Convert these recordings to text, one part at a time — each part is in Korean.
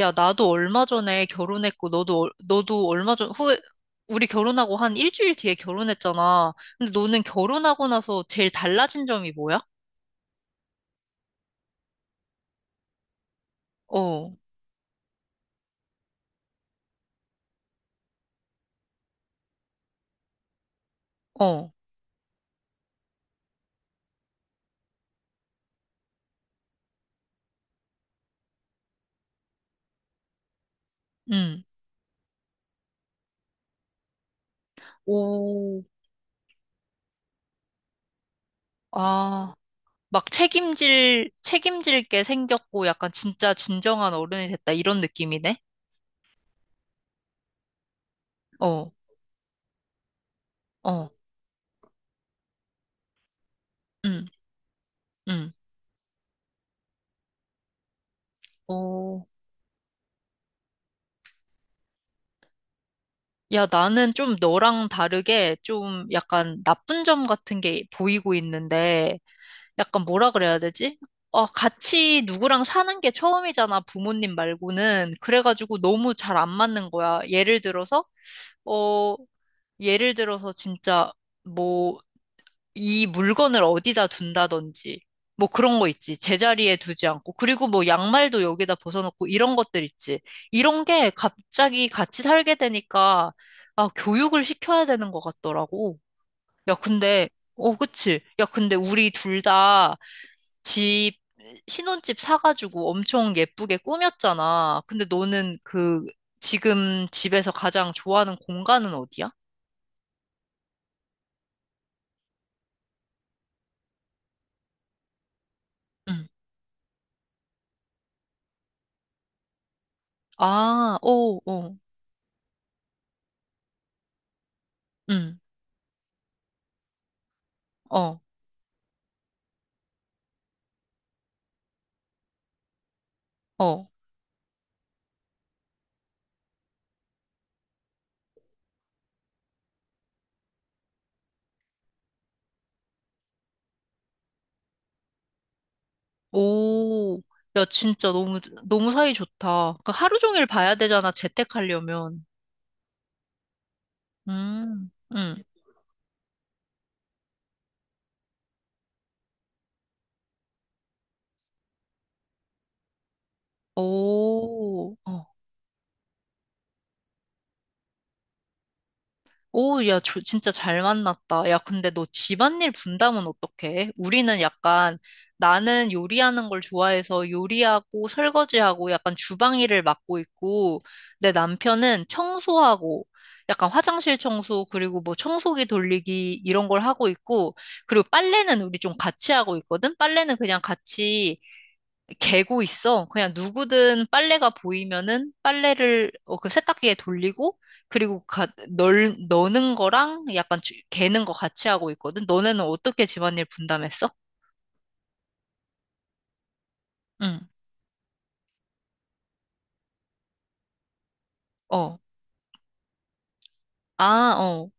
야, 나도 얼마 전에 결혼했고, 너도, 너도 얼마 전, 후에, 우리 결혼하고 한 일주일 뒤에 결혼했잖아. 근데 너는 결혼하고 나서 제일 달라진 점이 뭐야? 어, 어, 응. 오, 아, 막 책임질 게 생겼고, 약간 진짜 진정한 어른이 됐다, 이런 느낌이네? 어, 어, 응, 응. 오. 야, 나는 좀 너랑 다르게 좀 약간 나쁜 점 같은 게 보이고 있는데, 약간 뭐라 그래야 되지? 어, 같이 누구랑 사는 게 처음이잖아, 부모님 말고는. 그래가지고 너무 잘 안 맞는 거야. 예를 들어서, 어, 예를 들어서 진짜 뭐, 이 물건을 어디다 둔다든지, 뭐 그런 거 있지. 제자리에 두지 않고. 그리고 뭐 양말도 여기다 벗어놓고 이런 것들 있지. 이런 게 갑자기 같이 살게 되니까, 아, 교육을 시켜야 되는 것 같더라고. 야, 근데, 어, 그치. 야, 근데 우리 둘 다, 집, 신혼집 사가지고 엄청 예쁘게 꾸몄잖아. 근데 너는 그, 지금 집에서 가장 좋아하는 공간은 어디야? 응. 아, 오, 오, 응, 어, 어. 오, 야, 진짜 너무, 너무 사이 좋다. 그 하루 종일 봐야 되잖아, 재택하려면. 음, 응, 오, 어. 오, 야, 저 진짜 잘 만났다. 야, 근데 너 집안일 분담은 어떡해? 우리는 약간 나는 요리하는 걸 좋아해서 요리하고 설거지하고 약간 주방 일을 맡고 있고 내 남편은 청소하고 약간 화장실 청소 그리고 뭐 청소기 돌리기 이런 걸 하고 있고 그리고 빨래는 우리 좀 같이 하고 있거든? 빨래는 그냥 같이 개고 있어. 그냥 누구든 빨래가 보이면은 빨래를 어, 그 세탁기에 돌리고 그리고 넣는 거랑 약간 개는 거 같이 하고 있거든. 너네는 어떻게 집안일 분담했어? 응. 어. 아, 어.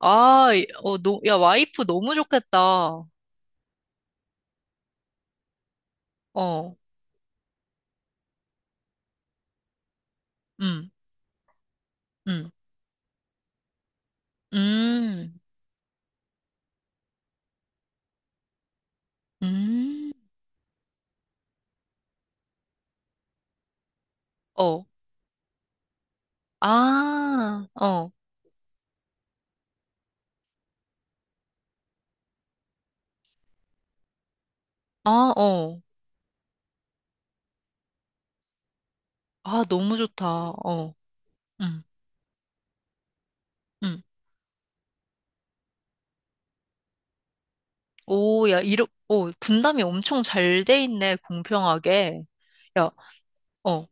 아, 어, 야, 와이프 너무 좋겠다. 어. 응 응 음. 음. 어. 아. 어. 아, 어. 아, 너무 좋다. 어. 응응 오, 야, 오, 분담이 엄청 잘 돼 있네, 공평하게. 야, 어,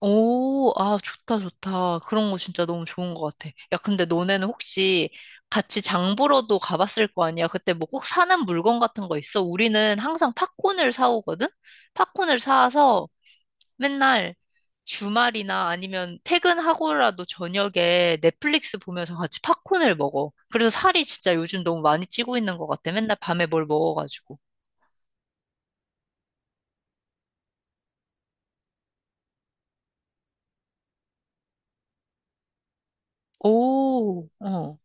오, 아, 좋다, 좋다. 그런 거 진짜 너무 좋은 것 같아. 야, 근데 너네는 혹시 같이 장 보러도 가봤을 거 아니야? 그때 뭐 꼭 사는 물건 같은 거 있어? 우리는 항상 팝콘을 사오거든? 팝콘을 사와서 맨날 주말이나 아니면 퇴근하고라도 저녁에 넷플릭스 보면서 같이 팝콘을 먹어. 그래서 살이 진짜 요즘 너무 많이 찌고 있는 것 같아. 맨날 밤에 뭘 먹어가지고. 오, 어,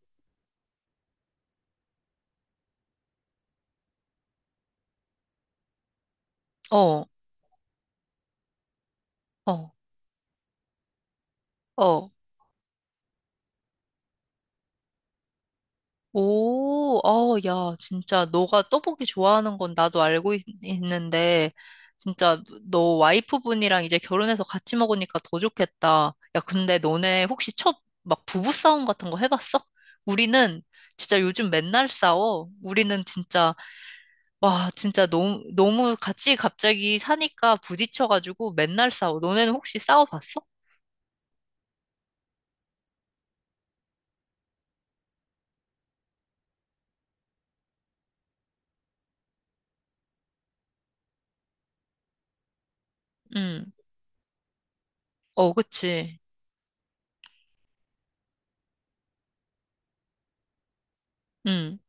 어, 어, 어. 오, 어, 야, 진짜 너가 떡볶이 좋아하는 건 나도 알고 있, 는데 진짜 너 와이프분이랑 이제 결혼해서 같이 먹으니까 더 좋겠다. 야, 근데 너네 혹시 첫 막 부부싸움 같은 거 해봤어? 우리는 진짜 요즘 맨날 싸워. 우리는 진짜, 와, 진짜 너무, 너무 같이 갑자기 사니까 부딪혀가지고 맨날 싸워. 너네는 혹시 싸워봤어? 응, 어, 그치. 응.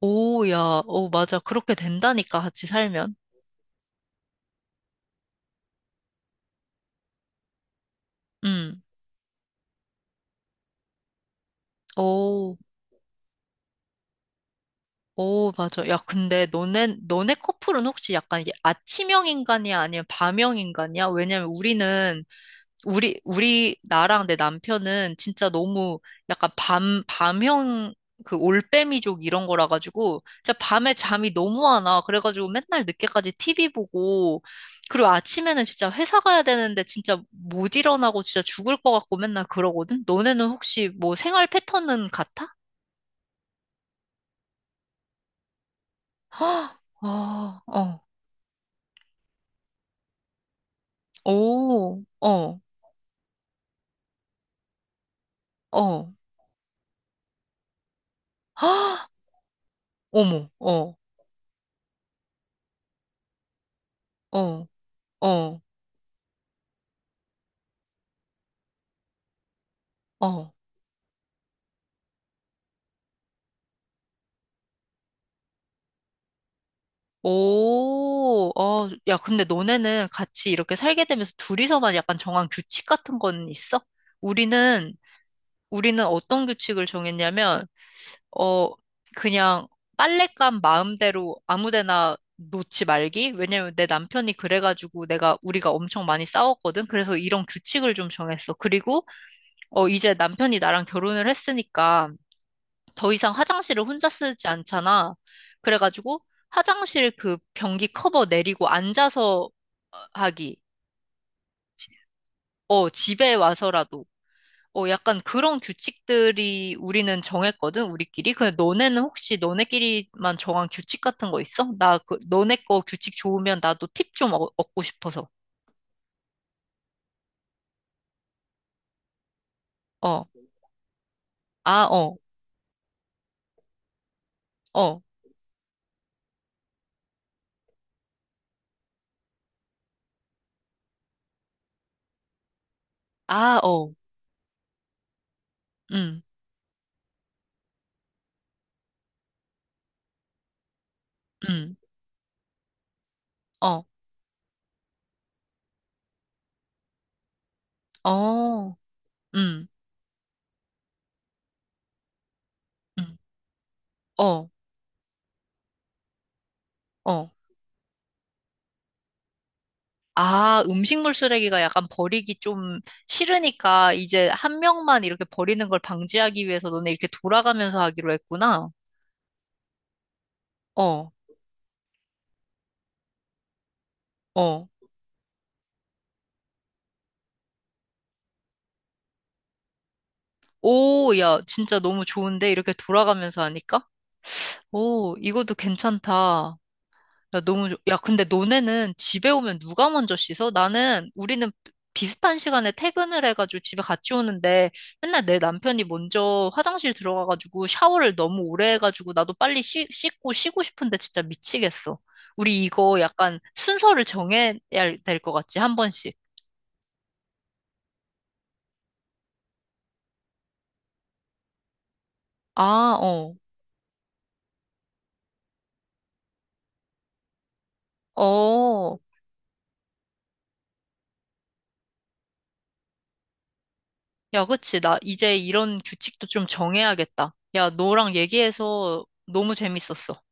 오, 야, 오, 맞아. 그렇게 된다니까, 같이 살면. 음, 오, 오, 맞아. 야, 근데 너네 커플은 혹시 약간 이게 아침형 인간이야? 아니면 밤형 인간이야? 왜냐면 우리, 나랑 내 남편은 진짜 너무 약간 밤형, 그 올빼미족 이런 거라 가지고, 진짜 밤에 잠이 너무 안 와. 그래가지고 맨날 늦게까지 TV 보고, 그리고 아침에는 진짜 회사 가야 되는데 진짜 못 일어나고 진짜 죽을 것 같고 맨날 그러거든? 너네는 혹시 뭐 생활 패턴은 같아? 헉, 어, 어, 오, 어, 어, 헉, 어머, 어, 어, 어, 어. 오, 어, 야, 근데 너네는 같이 이렇게 살게 되면서 둘이서만 약간 정한 규칙 같은 건 있어? 우리는, 우리는 어떤 규칙을 정했냐면, 어, 그냥 빨랫감 마음대로 아무 데나 놓지 말기? 왜냐면 내 남편이 그래가지고 내가, 우리가 엄청 많이 싸웠거든? 그래서 이런 규칙을 좀 정했어. 그리고, 어, 이제 남편이 나랑 결혼을 했으니까, 더 이상 화장실을 혼자 쓰지 않잖아. 그래가지고 화장실 그 변기 커버 내리고 앉아서 어, 하기. 어, 집에 와서라도. 어, 약간 그런 규칙들이 우리는 정했거든, 우리끼리. 근데 너네는 혹시 너네끼리만 정한 규칙 같은 거 있어? 나 그, 너네 거 규칙 좋으면 나도 팁 좀 얻고 싶어서. 어, 아, 어, 어, 아, 어, 음, 음, 어, 어, 음, 음, 어, 어. 아, 음식물 쓰레기가 약간 버리기 좀 싫으니까 이제 한 명만 이렇게 버리는 걸 방지하기 위해서 너네 이렇게 돌아가면서 하기로 했구나. 어, 어. 오, 야, 진짜 너무 좋은데? 이렇게 돌아가면서 하니까? 오, 이것도 괜찮다. 야, 너무, 야, 근데 너네는 집에 오면 누가 먼저 씻어? 나는, 우리는 비슷한 시간에 퇴근을 해가지고 집에 같이 오는데 맨날 내 남편이 먼저 화장실 들어가가지고 샤워를 너무 오래 해가지고 나도 빨리 씻고 쉬고 싶은데 진짜 미치겠어. 우리 이거 약간 순서를 정해야 될 것 같지, 한 번씩. 아, 어, 어. 야, 그치. 나 이제 이런 규칙도 좀 정해야겠다. 야, 너랑 얘기해서 너무 재밌었어.